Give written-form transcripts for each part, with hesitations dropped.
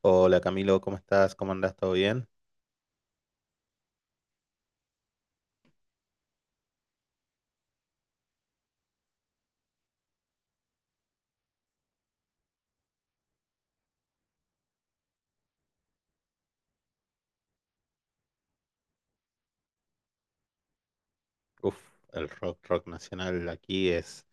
Hola Camilo, ¿cómo estás? ¿Cómo andás? ¿Todo bien? Uf, el rock, rock nacional aquí es,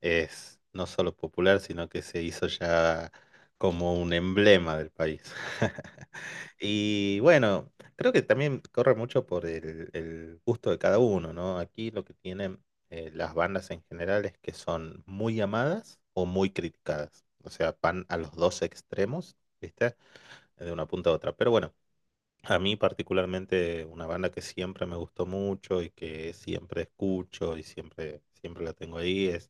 es no solo popular, sino que se hizo ya como un emblema del país. Y bueno, creo que también corre mucho por el gusto de cada uno, ¿no? Aquí lo que tienen las bandas en general es que son muy amadas o muy criticadas. O sea, van a los dos extremos, ¿viste? De una punta a otra. Pero bueno. A mí particularmente una banda que siempre me gustó mucho y que siempre escucho y siempre, siempre la tengo ahí es,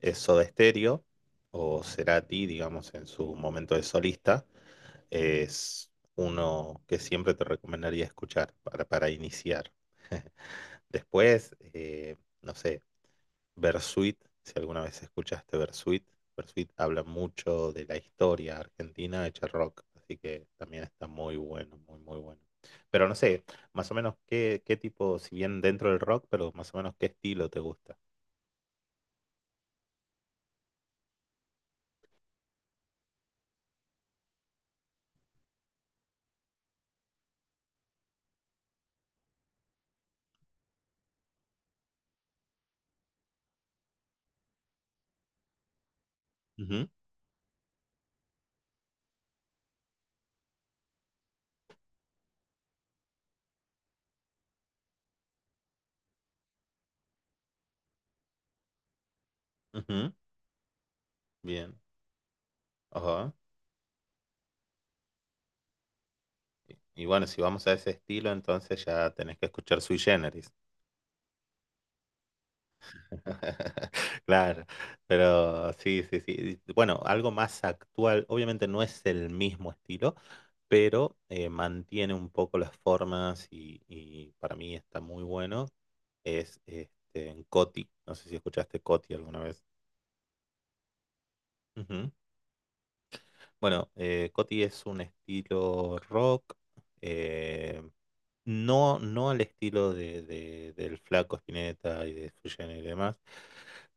es Soda Stereo o Cerati, digamos, en su momento de solista. Es uno que siempre te recomendaría escuchar para iniciar. Después, no sé, Bersuit, si alguna vez escuchaste Bersuit, Bersuit habla mucho de la historia argentina hecha rock, así que también está muy bueno, muy, muy bueno. Pero no sé, más o menos qué, qué tipo, si bien dentro del rock, pero más o menos qué estilo te gusta. Ujú, ujú, bien. Ajá. Y bueno, si vamos a ese estilo, entonces ya tenés que escuchar Sui Generis. Claro, pero sí, sí, sí. Bueno, algo más actual, obviamente no es el mismo estilo, pero mantiene un poco las formas y para mí está muy bueno. Es este, en Coti, no sé si escuchaste Coti alguna vez. Ujú. Bueno, Coti es un estilo rock, eh, no al estilo de del Flaco Spinetta y de Fusion y demás,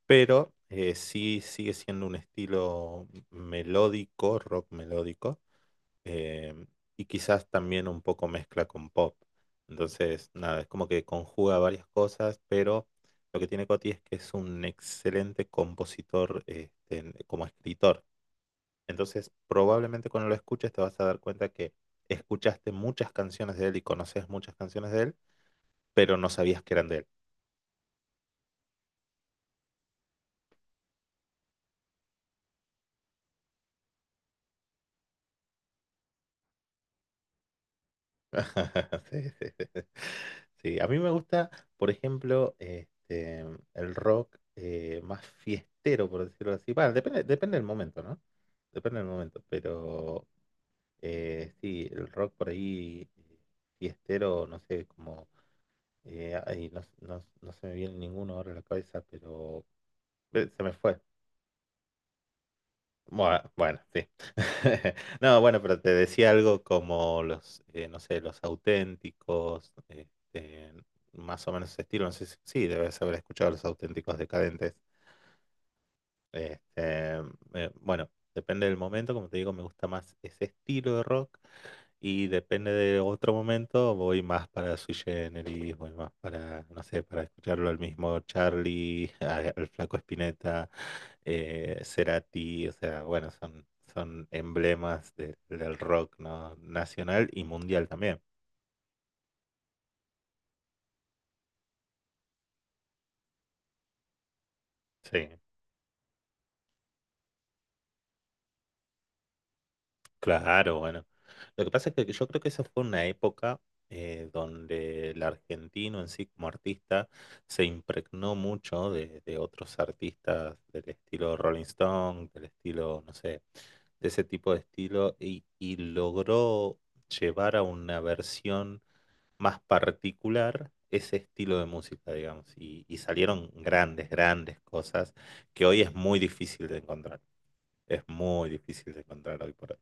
pero sí sigue siendo un estilo melódico, rock melódico, eh, y quizás también un poco mezcla con pop. Entonces, nada, es como que conjuga varias cosas, pero lo que tiene Coti es que es un excelente compositor, este, como escritor. Entonces, probablemente cuando lo escuches te vas a dar cuenta que escuchaste muchas canciones de él y conoces muchas canciones de él, pero no sabías que eran de él. Sí, sí, sí. Sí, sí, a mí me gusta, por ejemplo, este, el rock más fiestero, por decirlo así. Bueno, depende, depende del momento, ¿no? Depende del momento, pero sí, el rock por ahí fiestero, no sé, como... ay, no, no no se me viene ninguno ahora a la cabeza, pero... se me fue. Bueno, bueno, sí. No, bueno, pero te decía algo como los, no sé, los auténticos, este, más o menos ese estilo. No sé si, sí, debes haber escuchado los auténticos decadentes. Este, bueno, depende del momento, como te digo, me gusta más ese estilo de rock. Y depende de otro momento, voy más para Sui Generis, voy más para, no sé, para escucharlo al mismo Charlie, al Flaco Spinetta, Cerati, o sea, bueno, son, son emblemas del rock, ¿no? Nacional y mundial también. Sí. Claro, bueno. Lo que pasa es que yo creo que esa fue una época donde el argentino en sí como artista se impregnó mucho de otros artistas del estilo Rolling Stone, del estilo, no sé, de ese tipo de estilo y logró llevar a una versión más particular ese estilo de música, digamos, y salieron grandes, grandes cosas que hoy es muy difícil de encontrar. Es muy difícil de encontrar hoy por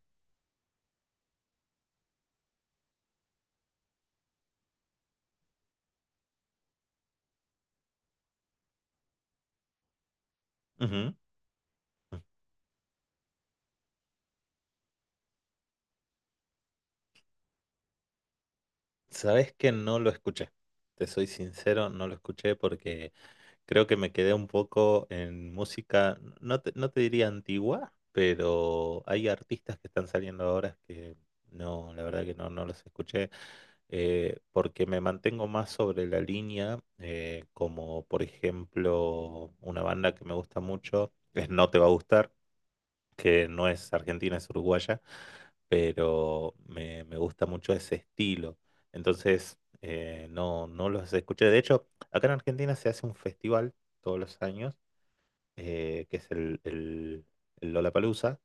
hoy. Sabes que no lo escuché. Te soy sincero, no lo escuché porque creo que me quedé un poco en música, no te diría antigua, pero hay artistas que están saliendo ahora que no, la verdad que no, no los escuché, porque me mantengo más sobre la línea, como por ejemplo una banda que me gusta mucho, es No Te Va a Gustar. Que no es argentina, es uruguaya, pero me gusta mucho ese estilo. Entonces, no, no los escuché. De hecho, acá en Argentina se hace un festival todos los años, que es el Lollapalooza,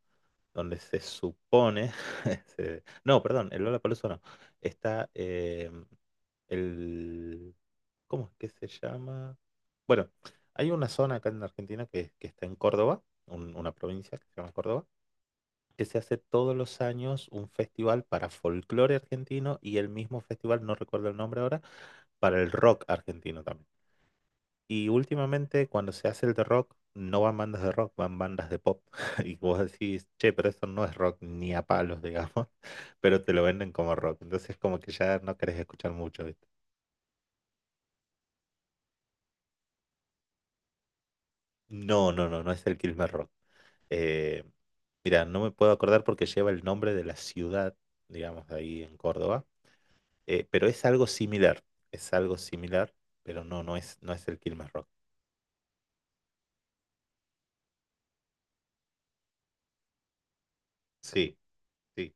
donde se supone, se- no, perdón, el Lollapalooza no, está el, ¿cómo es que se llama? Bueno, hay una zona acá en Argentina que está en Córdoba, una provincia que se llama Córdoba que se hace todos los años un festival para folclore argentino y el mismo festival, no recuerdo el nombre ahora, para el rock argentino también. Y últimamente cuando se hace el de rock, no van bandas de rock, van bandas de pop. Y vos decís, che, pero eso no es rock ni a palos, digamos, pero te lo venden como rock. Entonces como que ya no querés escuchar mucho, ¿viste? No, no, no, no es el Kilmer Rock. Eh, mira, no me puedo acordar porque lleva el nombre de la ciudad, digamos, de ahí en Córdoba. Pero es algo similar, pero no, no es, no es el Kilmer Rock. Sí, sí.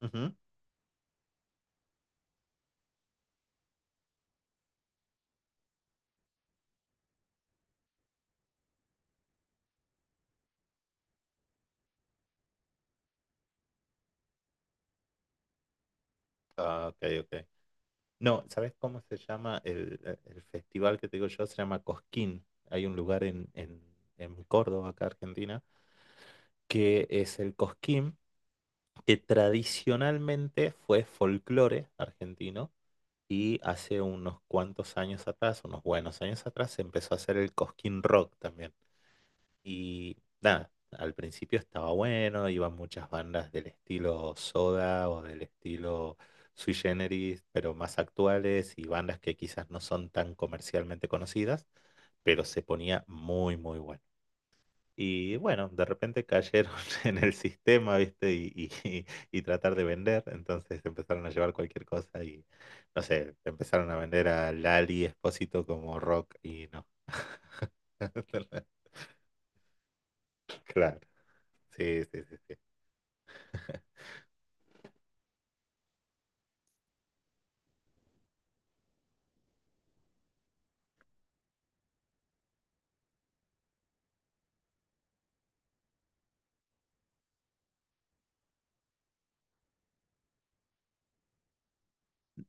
Ujú. Ah, ok, ok. No, ¿sabes cómo se llama el festival que te digo yo? Se llama Cosquín. Hay un lugar en Córdoba, acá Argentina, que es el Cosquín, que tradicionalmente fue folclore argentino y hace unos cuantos años atrás, unos buenos años atrás, se empezó a hacer el Cosquín Rock también. Y nada, al principio estaba bueno, iban muchas bandas del estilo Soda o del estilo Sui Generis, pero más actuales y bandas que quizás no son tan comercialmente conocidas, pero se ponía muy, muy bueno. Y bueno, de repente cayeron en el sistema, ¿viste? Y tratar de vender, entonces empezaron a llevar cualquier cosa y, no sé, empezaron a vender a Lali Espósito como rock y no. Claro, sí, sí, sí. Sí.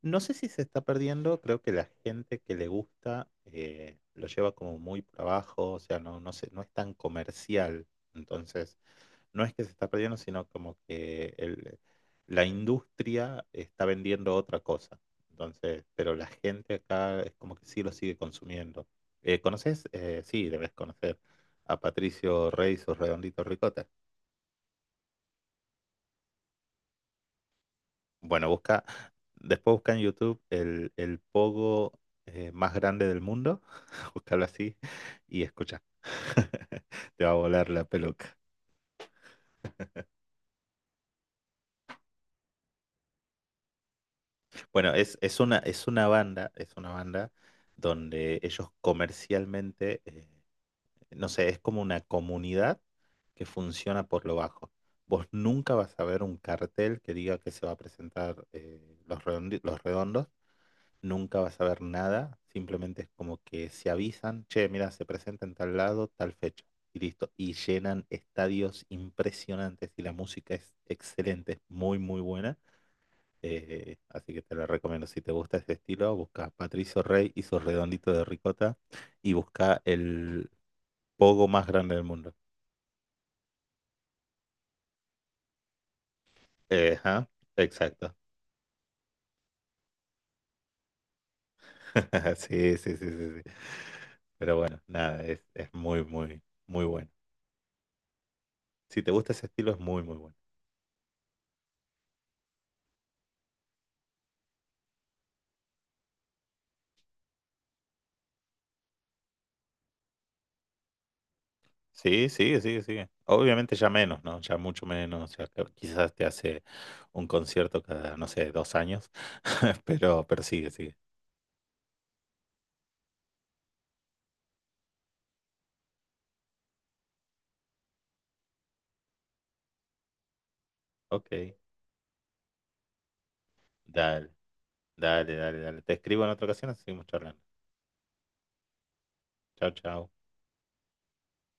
No sé si se está perdiendo, creo que la gente que le gusta lo lleva como muy por abajo, o sea, no, no sé, no es tan comercial. Entonces, no es que se está perdiendo, sino como que la industria está vendiendo otra cosa. Entonces, pero la gente acá es como que sí lo sigue consumiendo. ¿Conoces? Sí, debes conocer a Patricio Rey y sus Redonditos Ricota. Bueno, busca, después busca en YouTube el pogo más grande del mundo, búscalo así y escucha. Te va a volar la peluca. Bueno, es una banda donde ellos comercialmente, no sé, es como una comunidad que funciona por lo bajo. Vos nunca vas a ver un cartel que diga que se va a presentar los los redondos nunca vas a ver nada, simplemente es como que se avisan, che, mira, se presenta en tal lado, tal fecha, y listo, y llenan estadios impresionantes y la música es excelente, es muy, muy buena. Eh, así que te la recomiendo. Si te gusta ese estilo, busca Patricio Rey y su redondito de ricota y busca el pogo más grande del mundo. Ajá, exacto. Sí, sí, sí, sí, sí. Pero bueno, nada, es muy, muy, muy bueno. Si te gusta ese estilo, es muy, muy bueno. Sí, sigue, sigue, sigue. Obviamente ya menos, ¿no? Ya mucho menos. Ya que quizás te hace un concierto cada, no sé, 2 años. Pero sigue, sigue. Ok. Dale, dale, dale, dale. Te escribo en otra ocasión, así seguimos charlando. Chao, chao.